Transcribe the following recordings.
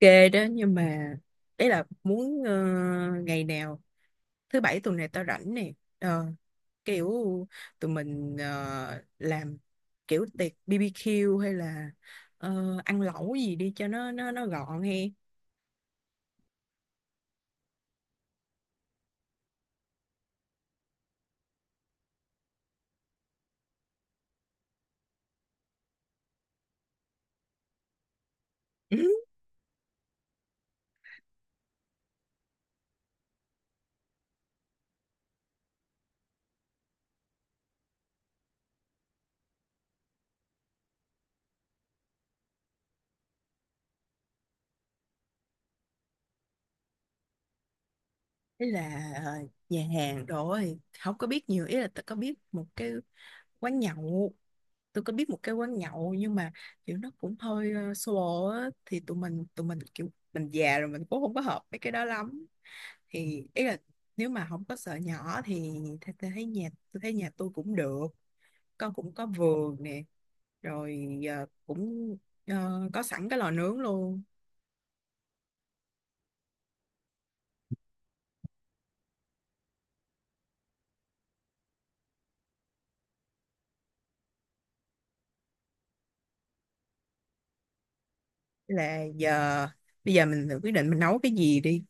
Ghê đó nhưng mà đấy là muốn ngày nào thứ bảy tuần này tao rảnh nè. Ờ, kiểu tụi mình làm kiểu tiệc BBQ hay là ăn lẩu gì đi cho nó gọn he. Ừ. Ý là nhà hàng rồi không có biết nhiều. Ý là tôi có biết một cái quán nhậu, tôi có biết một cái quán nhậu nhưng mà kiểu nó cũng hơi solo á. Thì tụi mình kiểu mình già rồi mình cũng không có hợp mấy cái đó lắm. Thì ý là nếu mà không có sợ nhỏ thì tôi thấy nhà tôi cũng được, con cũng có vườn nè, rồi giờ cũng có sẵn cái lò nướng luôn. Là giờ bây giờ mình tự quyết định mình nấu cái gì đi.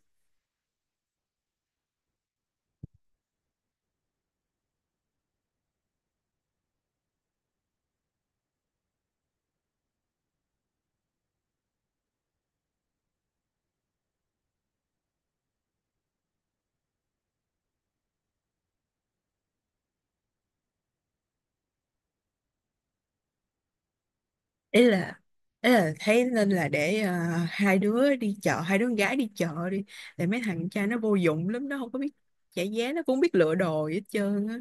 Ý là ý là thấy nên là để hai đứa con gái đi chợ đi, để mấy thằng con trai nó vô dụng lắm, nó không có biết trả giá, nó cũng không biết lựa đồ gì hết trơn á.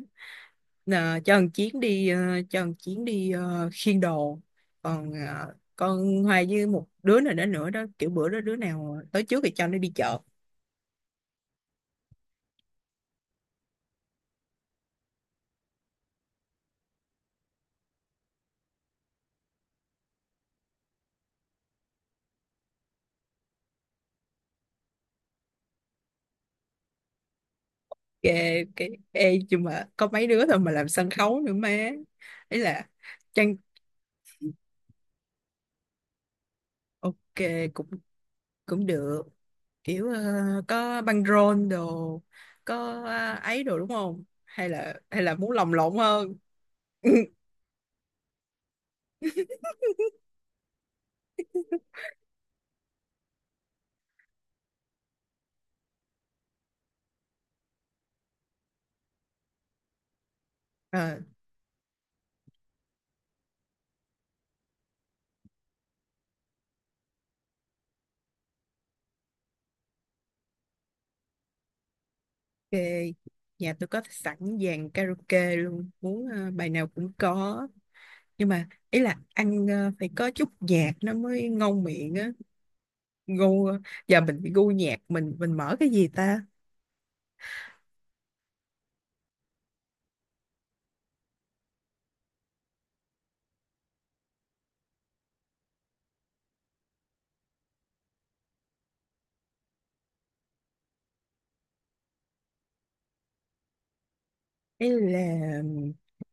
Nà, cho thằng Chiến đi khiêng đồ, còn con Hoài với một đứa nào đó nữa đó, kiểu bữa đó đứa nào tới trước thì cho nó đi chợ. Ê nhưng mà có mấy đứa thôi mà làm sân khấu nữa má? Ấy là chăng. Ok, cũng cũng được, kiểu có băng rôn đồ, có ấy đồ đúng không, hay là muốn lồng lộn hơn? Ờ, Ok, nhà tôi có sẵn dàn karaoke luôn, muốn bài nào cũng có. Nhưng mà ý là ăn phải có chút nhạc nó mới ngon miệng á. Gu giờ mình bị gu nhạc, mình mở cái gì ta? Ý là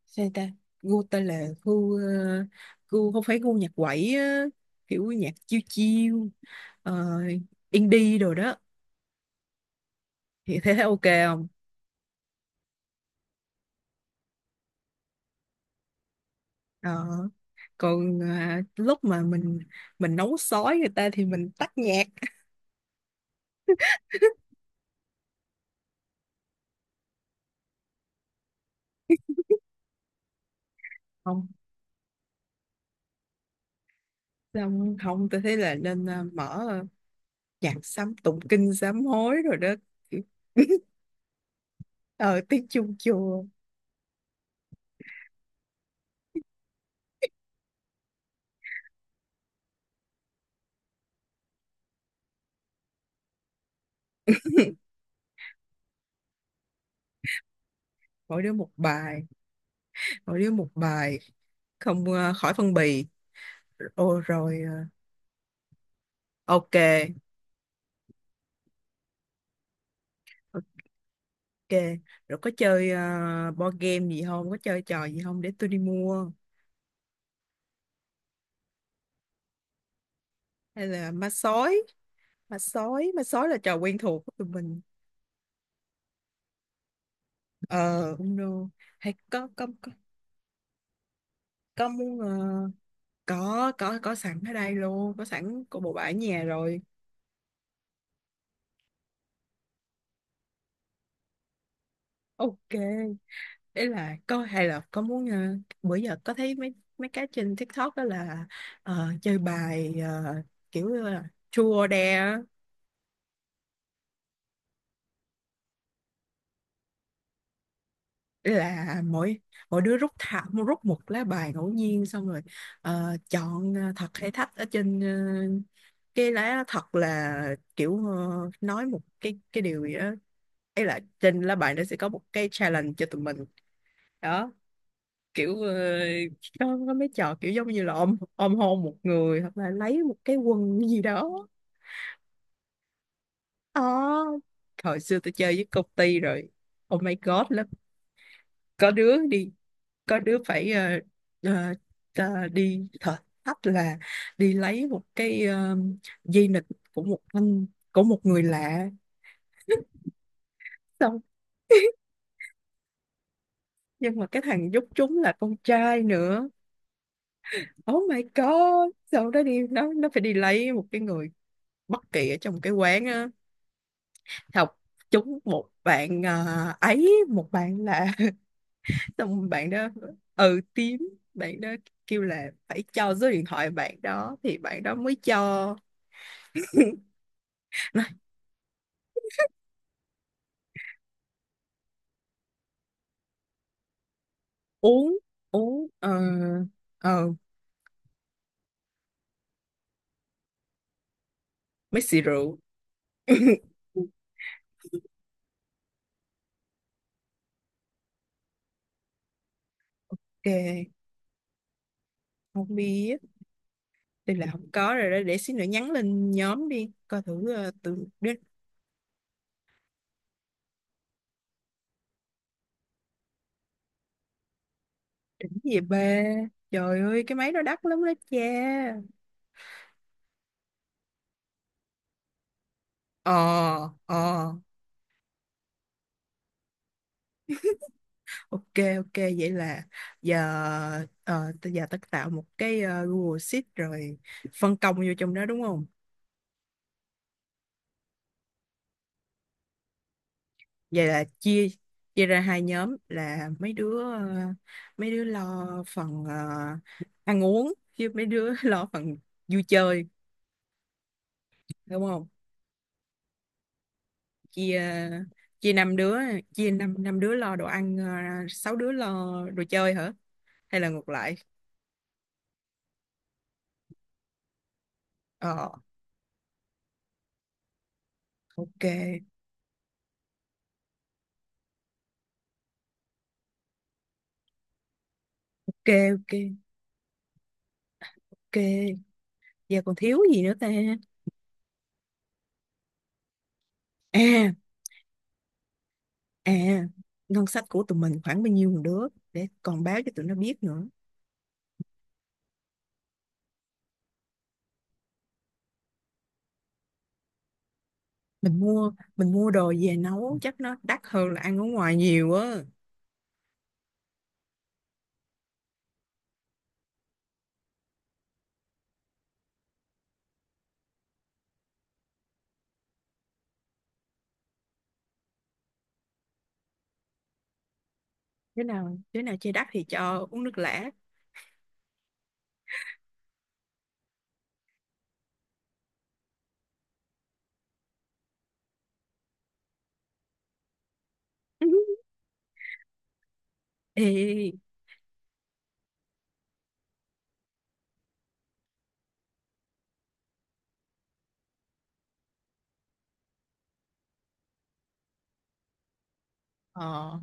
sao ta? Gu ta là gu không phải gu nhạc quẩy á, kiểu nhạc chiêu chiêu, ờ, indie đồ đó. Thì thế thấy ok không? Ờ, còn à, lúc mà mình nấu sói người ta thì mình tắt nhạc. Không, xong không tôi thấy là nên mở nhạc sám, tụng kinh sám hối rồi đó. Kiểu- ờ tiếng chuông chùa, mỗi đứa một bài, mỗi đứa một bài, không khỏi phân bì. Ô, rồi ok, ok. Rồi có chơi board game gì không, có chơi trò gì không để tôi đi mua? Hay là Ma sói là trò quen thuộc của tụi mình. Ờ không đâu, hay có, có muốn có sẵn ở đây luôn, có sẵn của bộ bãi nhà rồi. Ok. Ý là có, hay là có muốn bữa giờ có thấy mấy mấy cái trên TikTok đó là chơi bài kiểu như là chua or dare á. Ý là mỗi mỗi đứa rút, thả rút một lá bài ngẫu nhiên, xong rồi chọn thật hay thách ở trên cái lá. Thật là kiểu nói một cái điều gì đó, ấy là trên lá bài nó sẽ có một cái challenge cho tụi mình đó, kiểu có, mấy trò kiểu giống như là ôm ôm hôn một người hoặc là lấy một cái quần gì đó. Ờ, hồi xưa tôi chơi với công ty rồi oh my god lắm, có đứa đi, có đứa phải ờ, đi thử, thách là đi lấy một cái dây nịt của một anh của một người lạ, xong. Nhưng mà cái thằng giúp chúng là con trai nữa, oh my god. Sau đó đi, nó phải đi lấy một cái người bất kỳ ở trong cái quán á, học chúng một bạn, ờ, ấy một bạn là xong bạn đó. Ừ, tím. Bạn đó kêu là phải cho số điện thoại bạn đó thì bạn đó mới cho. Nói, uống uống ờ ờ mấy xì rượu. Ok, không biết. Đây là không có rồi đó, để xíu nữa nhắn lên nhóm đi coi thử tụi đỉnh. Đỉnh gì ba, trời ơi cái máy đó đắt lắm đó cha. ờ ờ Ok, ok. Vậy là giờ, tới giờ tất tạo một cái Google Sheet rồi phân công vô trong đó đúng không? Vậy là chia chia ra hai nhóm, là mấy đứa lo phần ăn uống, chứ mấy đứa lo phần vui chơi đúng không? Chia chia năm đứa, chia năm năm đứa lo đồ ăn, sáu đứa lo đồ chơi hả? Hay là ngược lại? Ờ. Ok, ok, ok, ok. Giờ còn thiếu gì nữa ta? À. À, ngân sách của tụi mình khoảng bao nhiêu một đứa, để còn báo cho tụi nó biết nữa. Mình mua đồ về nấu chắc nó đắt hơn là ăn ở ngoài nhiều á. Đứa nào chơi đắt thì cho uống nước lã. Ê, ờ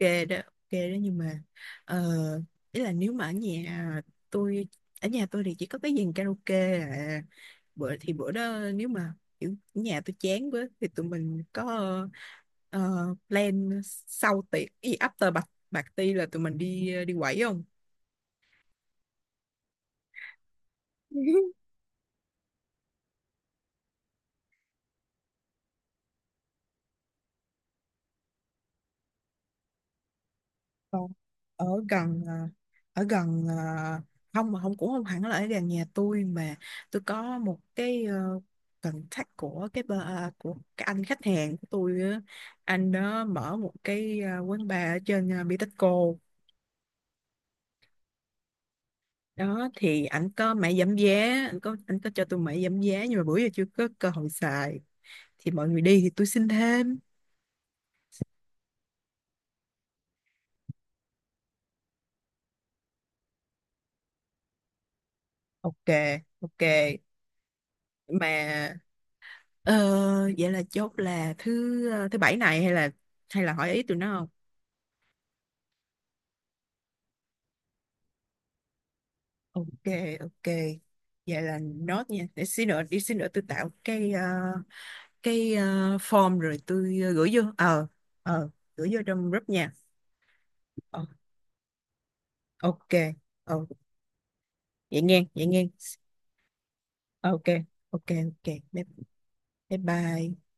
ok đó, ok đó, nhưng mà ờ, ý là nếu mà tôi ở nhà tôi thì chỉ có cái dàn karaoke à. Bữa đó nếu mà kiểu nhà tôi chán với thì tụi mình có ờ, plan sau tiệc, cái gì after party, là tụi mình đi đi quẩy không? Còn ở gần à, ở gần à, không, mà không cũng không hẳn là ở gần nhà tôi mà. Tôi có một cái, uh, contact của cái của cái anh khách hàng của tôi á. Anh đó mở một cái à, quán bar ở trên Bitexco đó, thì anh có mẹ giảm giá, anh có cho tôi mẹ giảm giá nhưng mà bữa giờ chưa có cơ hội xài, thì mọi người đi thì tôi xin thêm. Ok, ok mà. Ờ, vậy là chốt là thứ thứ bảy này, hay là hỏi ý tụi nó không? Ok, ok. Vậy là nốt nha. Đi xí nữa tôi tạo cái form rồi tôi gửi vô. Ờ, ờ, gửi vô trong group nha. Ờ, ok. Ờ, vậy nghe, vậy nghe. Ờ, ok, ok, ok. Bye bye. Bye.